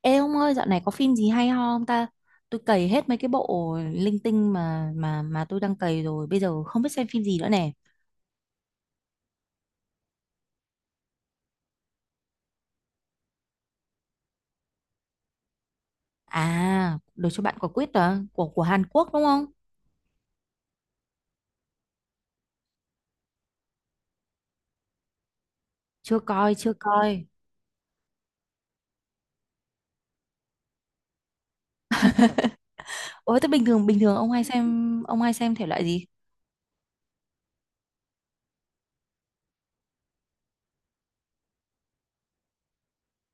Ê ông ơi, dạo này có phim gì hay ho không ta? Tôi cày hết mấy cái bộ linh tinh mà tôi đang cày rồi, bây giờ không biết xem phim gì nữa nè. À, Đời cho bạn quả quýt đó, của Hàn Quốc đúng không? Chưa coi, chưa coi. Ôi, thế bình thường ông hay xem thể loại gì?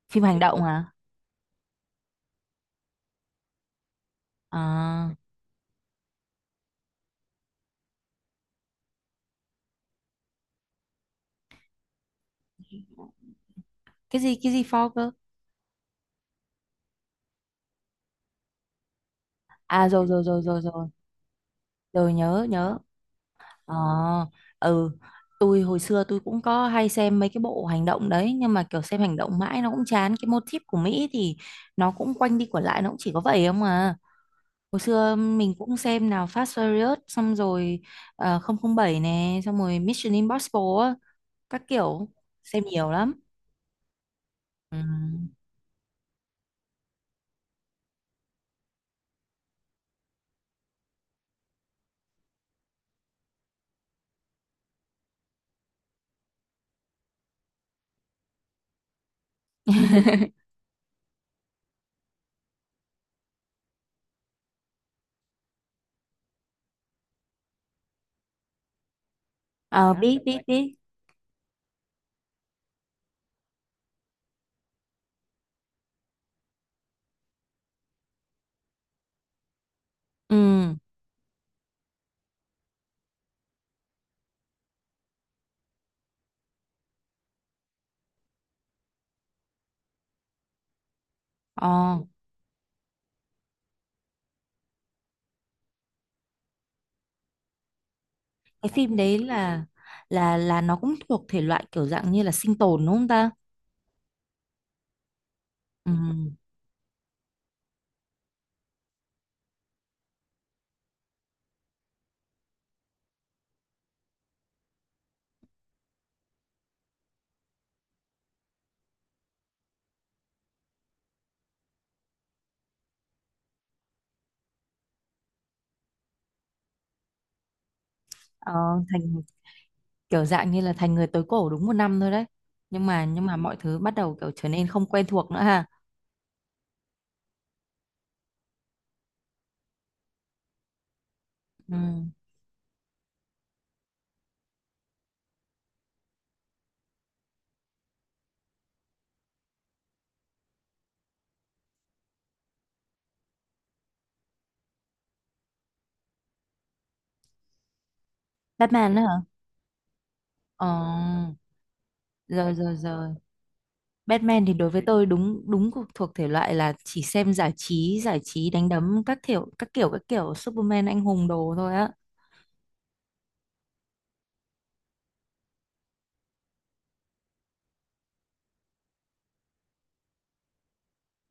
Phim hành động hả? À, cái gì for cơ? À, rồi rồi rồi rồi rồi, rồi nhớ nhớ. Ờ, ừ, tôi hồi xưa tôi cũng có hay xem mấy cái bộ hành động đấy, nhưng mà kiểu xem hành động mãi nó cũng chán, cái motif của Mỹ thì nó cũng quanh đi quẩn lại, nó cũng chỉ có vậy không à. Hồi xưa mình cũng xem nào Fast Furious, xong rồi 007 nè, xong rồi Mission Impossible á, các kiểu, xem nhiều lắm. Ừ. Ờ biết biết biết. Ừ. Ờ cái phim đấy là là nó cũng thuộc thể loại kiểu dạng như là sinh tồn đúng không ta? Ừ. Ờ, thành kiểu dạng như là thành người tối cổ đúng một năm thôi đấy. Nhưng mà mọi thứ bắt đầu kiểu trở nên không quen thuộc nữa ha. Ừ. Batman nữa hả? Ờ, rồi rồi rồi. Batman thì đối với tôi đúng đúng thuộc thuộc thể loại là chỉ xem giải trí đánh đấm các kiểu các kiểu các kiểu Superman anh hùng đồ thôi á.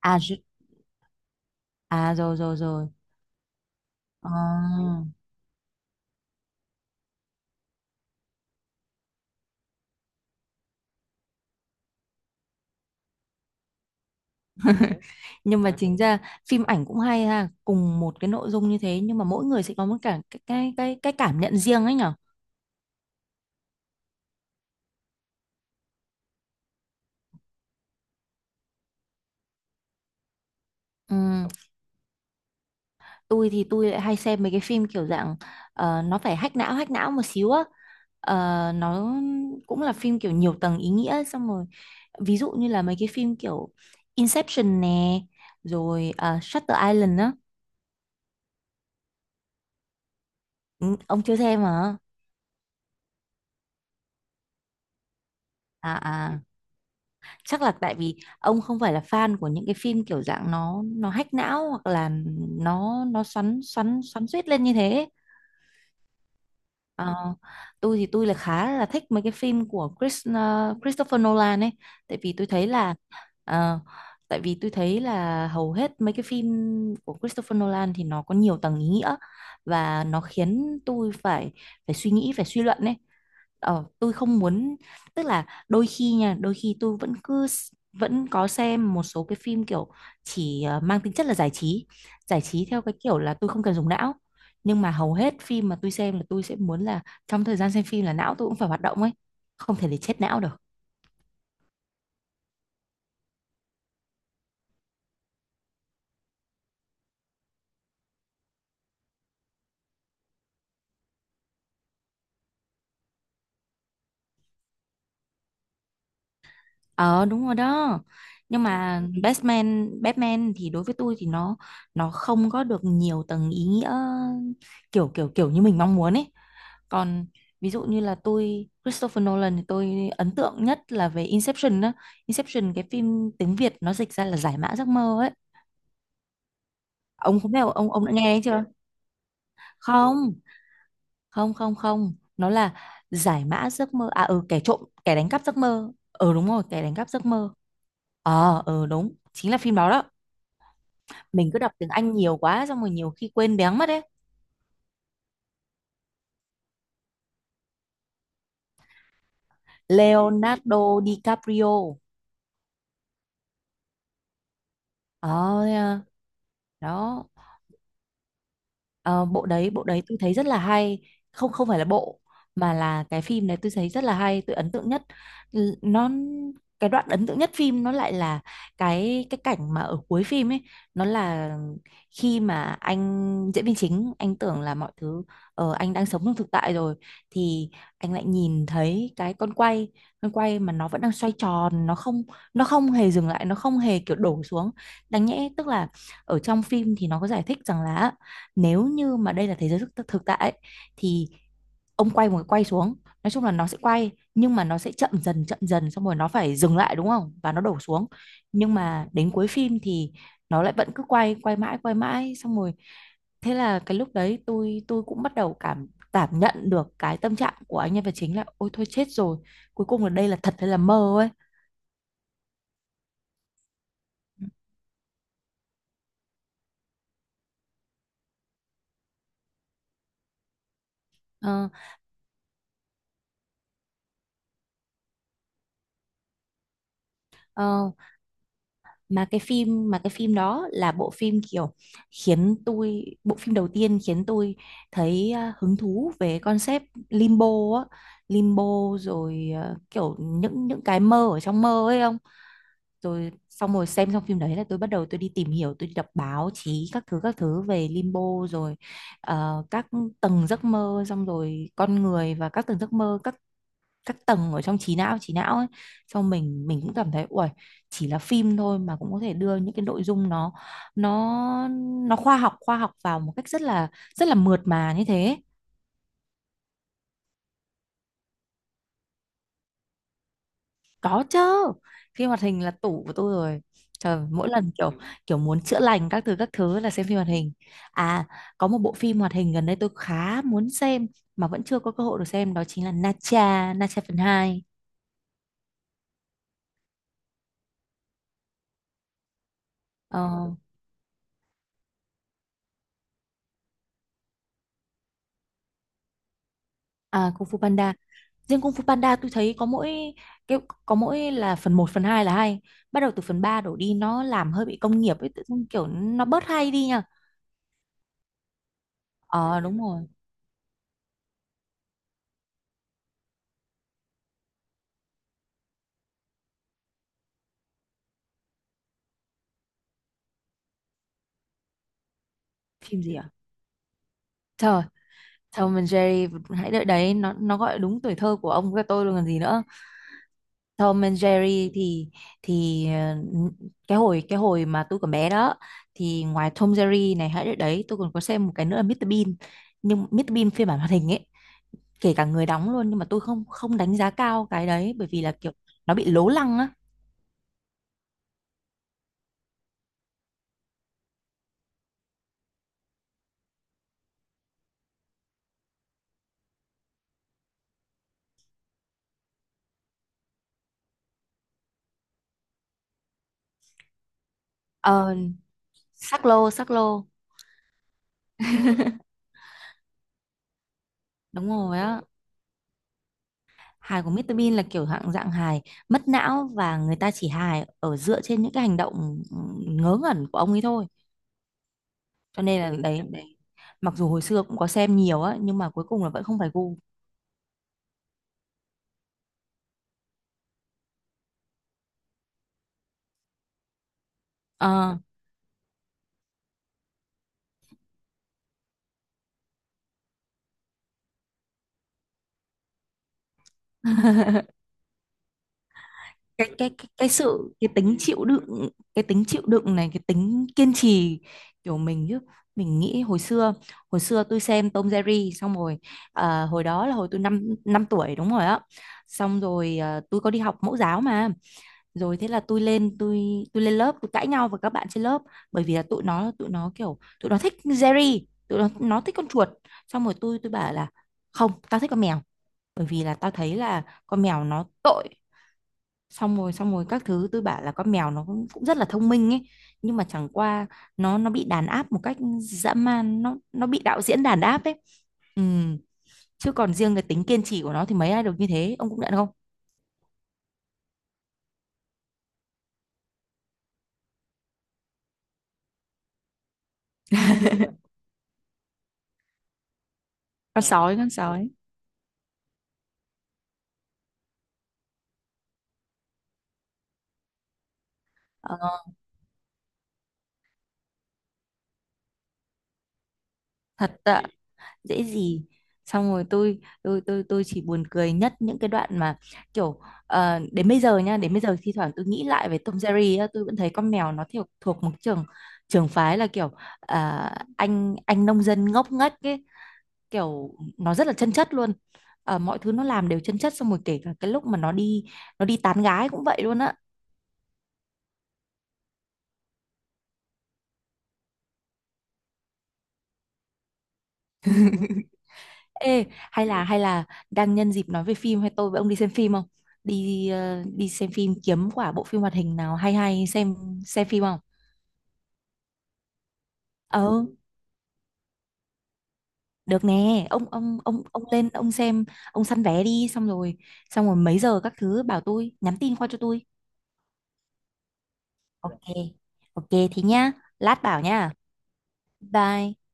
À, à rồi rồi rồi. Ờ. Nhưng mà chính ra phim ảnh cũng hay ha, cùng một cái nội dung như thế nhưng mà mỗi người sẽ có một cả cái cảm nhận riêng ấy nhở. Ừ. Tôi thì tôi lại hay xem mấy cái phim kiểu dạng ờ, nó phải hack não một xíu á. Ờ, nó cũng là phim kiểu nhiều tầng ý nghĩa, xong rồi ví dụ như là mấy cái phim kiểu Inception nè, rồi ờ, Shutter Island á. Ừ, ông chưa xem hả? À à, chắc là tại vì ông không phải là fan của những cái phim kiểu dạng nó hack não, hoặc là nó xoắn xoắn xoắn xuýt lên như thế. Ờ, tôi thì tôi là khá là thích mấy cái phim của Chris, ờ, Christopher Nolan ấy. Tại vì tôi thấy là ờ, tại vì tôi thấy là hầu hết mấy cái phim của Christopher Nolan thì nó có nhiều tầng ý nghĩa và nó khiến tôi phải phải suy nghĩ phải suy luận ấy. Ờ, tôi không muốn, tức là đôi khi nha đôi khi tôi vẫn cứ vẫn có xem một số cái phim kiểu chỉ ờ, mang tính chất là giải trí, giải trí theo cái kiểu là tôi không cần dùng não, nhưng mà hầu hết phim mà tôi xem là tôi sẽ muốn là trong thời gian xem phim là não tôi cũng phải hoạt động ấy, không thể để chết não được. Ờ đúng rồi đó, nhưng mà Batman Batman thì đối với tôi thì nó không có được nhiều tầng ý nghĩa kiểu kiểu kiểu như mình mong muốn ấy. Còn ví dụ như là tôi, Christopher Nolan thì tôi ấn tượng nhất là về Inception đó. Inception cái phim tiếng Việt nó dịch ra là giải mã giấc mơ ấy. Ông có biết, ông đã nghe ấy chưa? Không không không, không nó là giải mã giấc mơ, à ừ kẻ trộm, kẻ đánh cắp giấc mơ, ừ đúng rồi kẻ đánh cắp giấc mơ. Ờ ừ đúng, chính là phim đó đó. Mình cứ đọc tiếng Anh nhiều quá xong rồi nhiều khi quên béng mất đấy. Leonardo DiCaprio. Ờ thế à. Đó. Ờ, bộ đấy tôi thấy rất là hay. Không, không phải là bộ, mà là cái phim này tôi thấy rất là hay, tôi ấn tượng nhất. Nó cái đoạn ấn tượng nhất phim nó lại là cái cảnh mà ở cuối phim ấy. Nó là khi mà anh diễn viên chính anh tưởng là mọi thứ ờ, anh đang sống trong thực tại rồi, thì anh lại nhìn thấy cái con quay mà nó vẫn đang xoay tròn, nó không hề dừng lại, nó không hề kiểu đổ xuống. Đáng nhẽ tức là ở trong phim thì nó có giải thích rằng là nếu như mà đây là thế giới thực, thực tại ấy, thì ông quay một cái quay xuống, nói chung là nó sẽ quay nhưng mà nó sẽ chậm dần xong rồi nó phải dừng lại đúng không, và nó đổ xuống. Nhưng mà đến cuối phim thì nó lại vẫn cứ quay, quay mãi xong rồi. Thế là cái lúc đấy tôi cũng bắt đầu cảm, cảm nhận được cái tâm trạng của anh nhân vật chính là ôi thôi chết rồi, cuối cùng là đây là thật hay là mơ ấy. Ờ, ờ, mà cái phim đó là bộ phim kiểu khiến tôi, bộ phim đầu tiên khiến tôi thấy à, hứng thú về concept limbo á. Limbo rồi à, kiểu những cái mơ ở trong mơ ấy không. Rồi xong rồi xem xong phim đấy là tôi bắt đầu tôi đi tìm hiểu, tôi đi đọc báo chí các thứ về limbo, rồi ờ, các tầng giấc mơ, xong rồi con người và các tầng giấc mơ, các tầng ở trong trí não, trí não ấy, cho mình cũng cảm thấy uầy, chỉ là phim thôi mà cũng có thể đưa những cái nội dung nó nó khoa học, khoa học vào một cách rất là mượt mà như thế. Có chứ, phim hoạt hình là tủ của tôi rồi. Trời mỗi lần kiểu kiểu muốn chữa lành các thứ là xem phim hoạt hình. À, có một bộ phim hoạt hình gần đây tôi khá muốn xem mà vẫn chưa có cơ hội được xem, đó chính là Nacha Nacha phần hai, ờ, à, Kung Fu Panda. Riêng Kung Fu Panda tôi thấy có mỗi cái, có mỗi là phần một phần 2 là hay. Bắt đầu từ phần 3 đổ đi nó làm hơi bị công nghiệp ấy, tự dưng kiểu nó bớt hay đi nha. Ờ đúng rồi, phim gì à? Trời, Tom and Jerry, hãy đợi đấy, nó gọi đúng tuổi thơ của ông với tôi luôn còn gì nữa. Tom and Jerry thì ờ, cái hồi mà tôi còn bé đó thì ngoài Tom Jerry này, hãy đấy, tôi còn có xem một cái nữa là Mr Bean, nhưng Mr Bean phiên bản hoạt hình ấy, kể cả người đóng luôn, nhưng mà tôi không, không đánh giá cao cái đấy bởi vì là kiểu nó bị lố lăng á. Ờ, sắc lô sắc lô. đúng rồi á, hài của Mr Bean là kiểu dạng dạng hài mất não, và người ta chỉ hài ở dựa trên những cái hành động ừ, ngớ ngẩn của ông ấy thôi. Cho nên là đấy đấy, mặc dù hồi xưa cũng có xem nhiều á nhưng mà cuối cùng là vẫn không phải gu. Ờ. cái sự, cái tính chịu đựng, cái tính chịu đựng này, cái tính kiên trì, kiểu mình, chứ mình nghĩ hồi xưa, hồi xưa tôi xem Tom Jerry xong rồi à, hồi đó là hồi tôi năm năm tuổi đúng rồi á, xong rồi à, tôi có đi học mẫu giáo mà, rồi thế là tôi lên tôi lên lớp tôi cãi nhau với các bạn trên lớp bởi vì là tụi nó kiểu tụi nó thích Jerry, tụi nó thích con chuột, xong rồi tôi bảo là không, tao thích con mèo, bởi vì là tao thấy là con mèo nó tội, xong rồi các thứ tôi bảo là con mèo nó cũng, cũng rất là thông minh ấy, nhưng mà chẳng qua nó bị đàn áp một cách dã man, nó bị đạo diễn đàn áp ấy. Ừ. Chứ còn riêng cái tính kiên trì của nó thì mấy ai được như thế, ông cũng nhận không? Ừ. Con sói, con sói. Ờ, thật ạ, dễ gì. Xong rồi tôi chỉ buồn cười nhất những cái đoạn mà kiểu ờ, đến bây giờ nha, đến bây giờ thi thoảng tôi nghĩ lại về Tom Jerry á, tôi vẫn thấy con mèo nó theo thuộc một trường, trường phái là kiểu à, anh nông dân ngốc nghếch ấy, kiểu nó rất là chân chất luôn. Ờ, mọi thứ nó làm đều chân chất, xong rồi kể cả cái lúc mà nó đi, nó đi tán gái cũng vậy luôn á. Ê, hay là đang nhân dịp nói về phim hay, tôi với ông đi xem phim không? Đi ờ, đi xem phim kiếm quả bộ phim hoạt hình nào hay hay xem phim không? Ờ, được nè, ông lên ông xem, ông săn vé đi xong rồi mấy giờ các thứ bảo tôi, nhắn tin qua cho tôi. Ok. Ok thế nhá, lát bảo nhá. Bye.